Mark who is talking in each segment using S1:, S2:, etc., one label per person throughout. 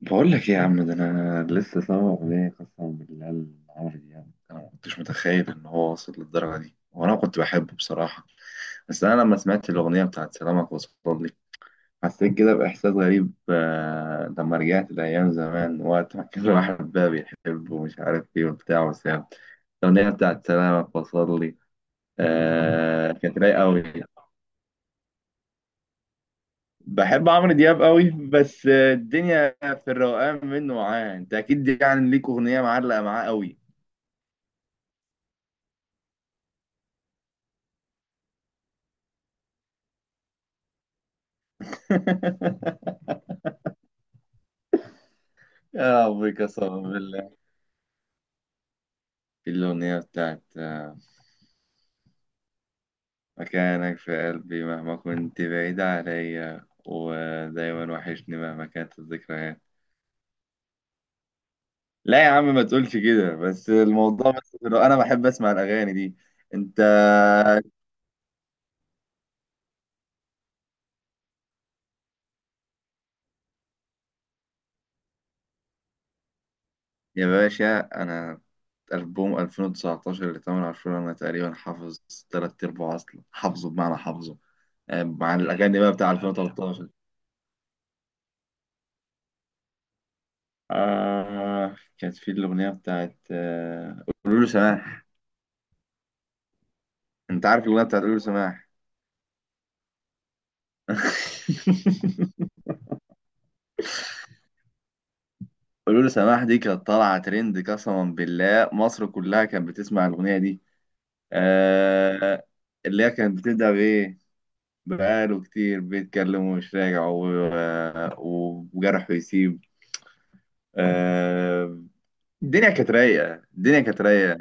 S1: بقول لك ايه يا عم، ده انا لسه سامع اغنيه قسما بالله لعمرو دياب. انا ما كنتش متخيل ان هو واصل للدرجه دي، وانا كنت بحبه بصراحه. بس انا لما سمعت الاغنيه بتاعت سلامك وصل لي حسيت كده باحساس غريب. لما رجعت لايام زمان، وقت ما كان الواحد بقى بيحب ومش عارف ايه وبتاع وسام. الاغنيه بتاعت سلامك وصل لي كانت رايقه قوي. بحب عمرو دياب قوي، بس الدنيا في الروقان منه معاه. انت اكيد يعني ليك اغنيه معلقه معاه قوي. يا ربي قسما بالله. الاغنيه بتاعت مكانك في قلبي مهما كنت بعيد عليا، ودايما وحشني مهما كانت الذكريات. لا يا عم، ما تقولش كده، بس الموضوع بس في الروقان. انا بحب اسمع الاغاني دي. انت يا باشا، أنا ألبوم 2019 لتامر عاشور أنا تقريبا حافظ تلات أرباع، أصلا حافظه بمعنى حافظه. مع الأغاني بقى بتاع 2013. آه، كانت في الأغنية بتاعت قولوا له سماح. أنت عارف الأغنية بتاعت قولوا له سماح؟ قولوا له سماح دي كانت طالعة ترند، قسما بالله مصر كلها كانت بتسمع الأغنية دي. آه، اللي هي كانت بتبدأ بإيه؟ بقاله كتير بيتكلم ومش راجع و- وجرحه يسيب. آه، الدنيا كانت رايقة، الدنيا كانت رايقة.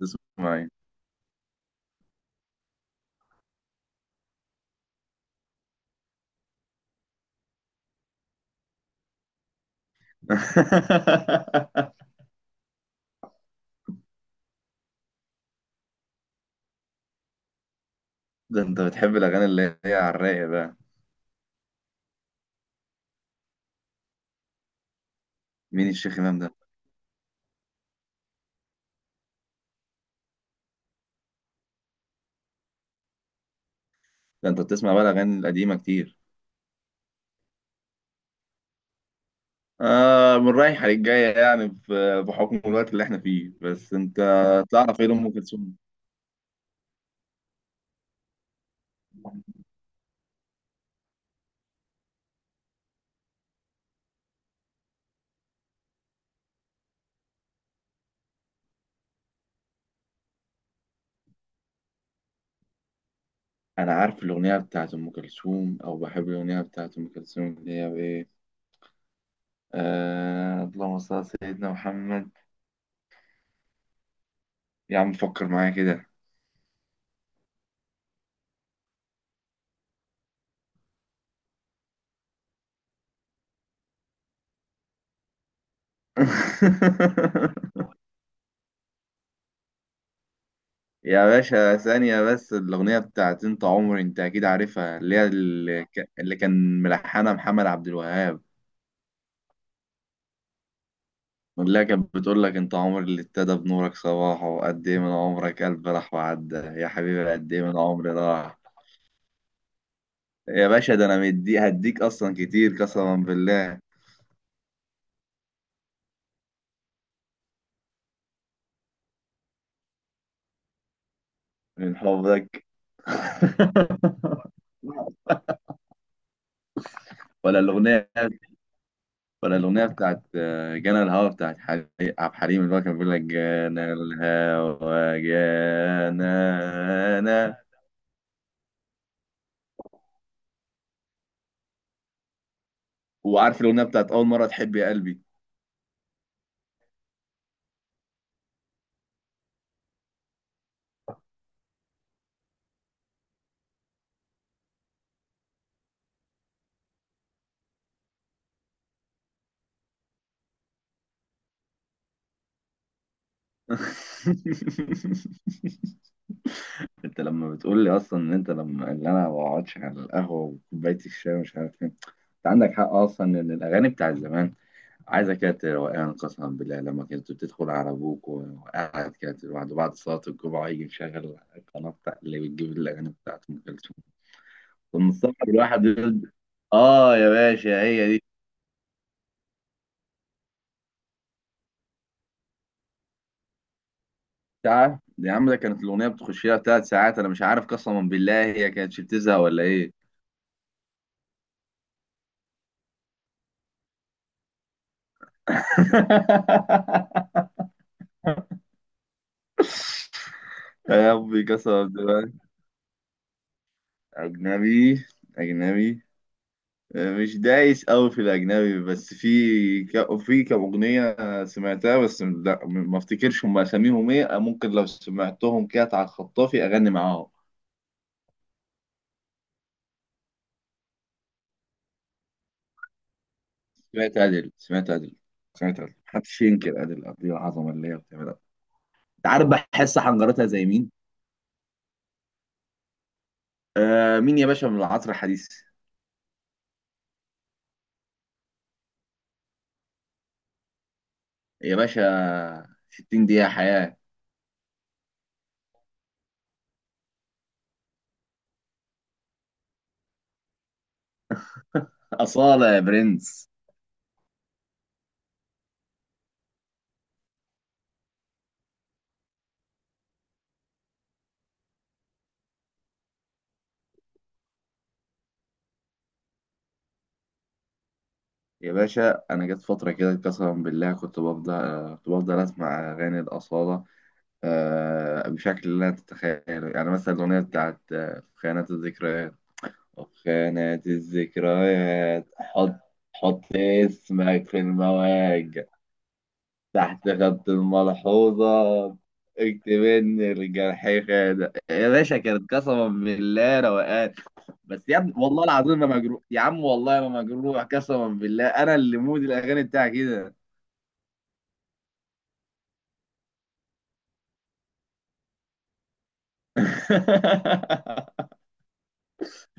S1: تسمعي؟ ده انت بتحب الأغاني اللي هي على الرايق بقى. مين الشيخ إمام ده؟ ده انت بتسمع بقى الأغاني القديمة كتير. آه، من رايحة للجاية يعني، بحكم الوقت اللي احنا فيه. بس انت تعرف ايه لأم كلثوم؟ أنا عارف الأغنية بتاعت أم كلثوم، أو بحب الأغنية بتاعت أم كلثوم اللي هي إيه. آه، اللهم صل على سيدنا محمد. يا عم فكر معايا كده. يا باشا ثانية بس. الأغنية بتاعت أنت عمري، أنت أكيد عارفها، اللي هي اللي كان ملحنها محمد عبد الوهاب. اللي هي كانت بتقول لك: أنت عمري اللي ابتدى بنورك صباحه، وقد إيه من عمرك قلبي راح وعدى، يا حبيبي قد إيه من عمري راح. يا باشا، ده أنا مدي هديك أصلا كتير قسما بالله. من حبك. ولا الأغنية ولا الأغنية بتاعت جانا الهوا، بتاعت عبد الحليم، اللي هو كان بيقول لك: جانا الهوا جانا أنا. وعارف الأغنية بتاعت أول مرة تحب يا قلبي؟ أنت لما بتقول لي أصلا إن أنت لما اللي أنا ما بقعدش على القهوة وكوباية الشاي ومش عارف إيه، أنت عندك حق أصلا. إن الأغاني بتاعت زمان عايزة كده روقان قسما بالله. لما كنت بتدخل على أبوك وقاعد كده لوحده بعد صلاة الجمعة، يجي مشغل القناة بتاع اللي بتجيب الأغاني بتاعت أم كلثوم، المستقبل الواحد يد- اه يا باشا هي دي. ساعة يا عم؟ ده كانت الأغنية بتخش لها 3 ساعات، أنا مش عارف قسما بالله هي كانتش بتزهق ولا إيه. يا ربي قسما بالله. أجنبي؟ أجنبي؟ مش دايس أوي في الأجنبي، بس في في كم أغنية سمعتها. بس لا، ما افتكرش هم أساميهم إيه. ممكن لو سمعتهم كده على الخطافي أغني معاهم. سمعت عادل سمعت عادل سمعت عادل. محدش ينكر عادل قد ايه العظمه اللي هي بتعملها. انت عارف بحس حنجرتها زي مين؟ آه، مين يا باشا من العصر الحديث؟ يا باشا، 60 دقيقه حياه. اصاله يا برنس. يا باشا انا جت فتره كده قسما بالله كنت بفضل كنت بفضل اسمع اغاني الاصاله، آه، بشكل لا تتخيله. يعني مثلا الاغنيه بتاعت في خيانات الذكريات حط، حط اسمك في المواجع، تحت خط الملحوظة اكتب ان الجرح خانق. يا باشا، كانت قسما بالله روقان. بس يا ابني، والله العظيم ما مجروح يا عم، والله ما مجروح قسما بالله. انا اللي مود الاغاني بتاعي كده.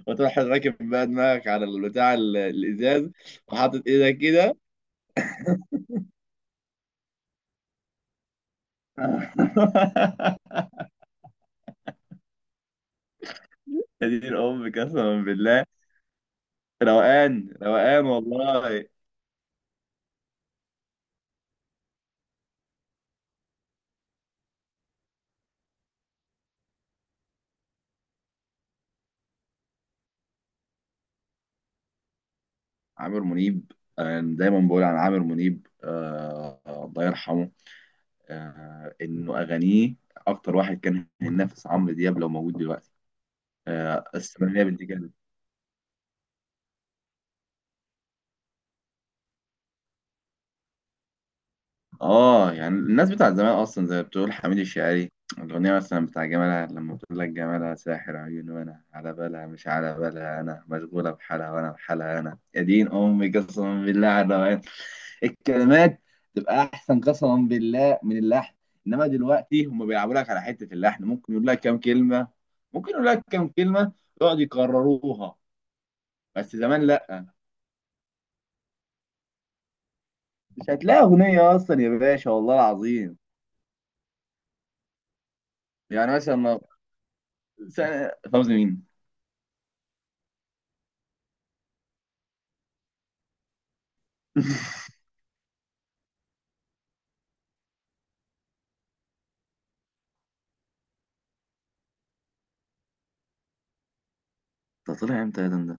S1: وتروح راكب بقى دماغك على البتاع الازاز، وحاطط ايدك كده. يا دين الام قسما بالله. روقان روقان والله. عامر منيب. انا دايما بقول عن عامر منيب، آه الله يرحمه، انه اغانيه، اكتر واحد كان هينافس عمرو دياب لو موجود دلوقتي. آه، الثمانية بنت كلب. اه يعني الناس بتاع زمان اصلا، زي ما بتقول، حميد الشاعري. الاغنيه مثلا بتاع جمالها، لما بتقول لك: جمالها ساحر عيون، وانا على بالها، مش على بالها، انا مشغوله بحالها، وانا بحالها انا. يا دين امي قسما بالله على الروقان. الكلمات تبقى احسن قسما بالله من اللحن. انما دلوقتي هم بيلعبوا لك على حته اللحن. ممكن يقول لك كام كلمه ممكن يقول لك كام كلمه يقعد يكرروها. بس زمان لا، مش هتلاقي اغنيه اصلا يا باشا والله العظيم. يعني مثلا سنة فوزي مين؟ ده طلع امتى يا دندن ده؟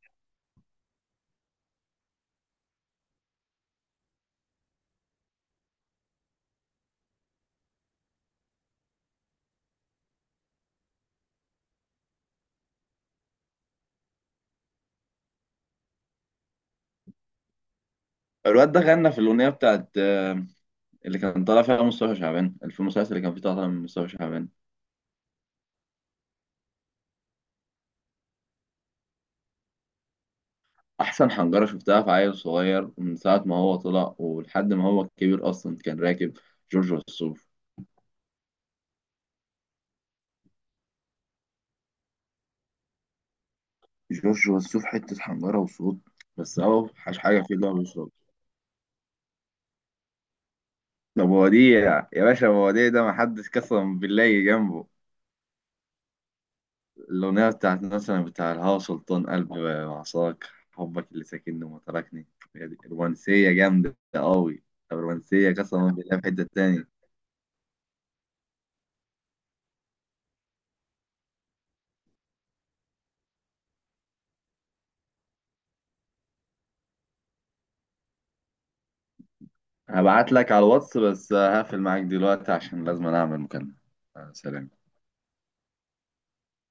S1: الواد ده غنى في الاغنيه بتاعت اللي كان طالع فيها مصطفى شعبان، في المسلسل اللي كان فيه طالع من مصطفى شعبان. احسن حنجره شفتها في عيل صغير، من ساعه ما هو طلع ولحد ما هو كبير اصلا، كان راكب جورج وسوف. جورج وسوف حته حنجره وصوت. بس اهو حاش حاجه فيه اللي هو بيشرب. ده بوديع يا باشا، بوديع ده محدش قسم بالله يجي جنبه. الأغنية بتاعت مثلا بتاع الهوا سلطان، قلبي وعصاك، حبك اللي ساكنني وما تركني. هي دي رومانسية جامدة قوي. طب رومانسية قسما بالله في حتة تاني؟ هبعت لك على الواتس، بس هقفل معاك دلوقتي عشان لازم أنا أعمل مكالمة. سلام.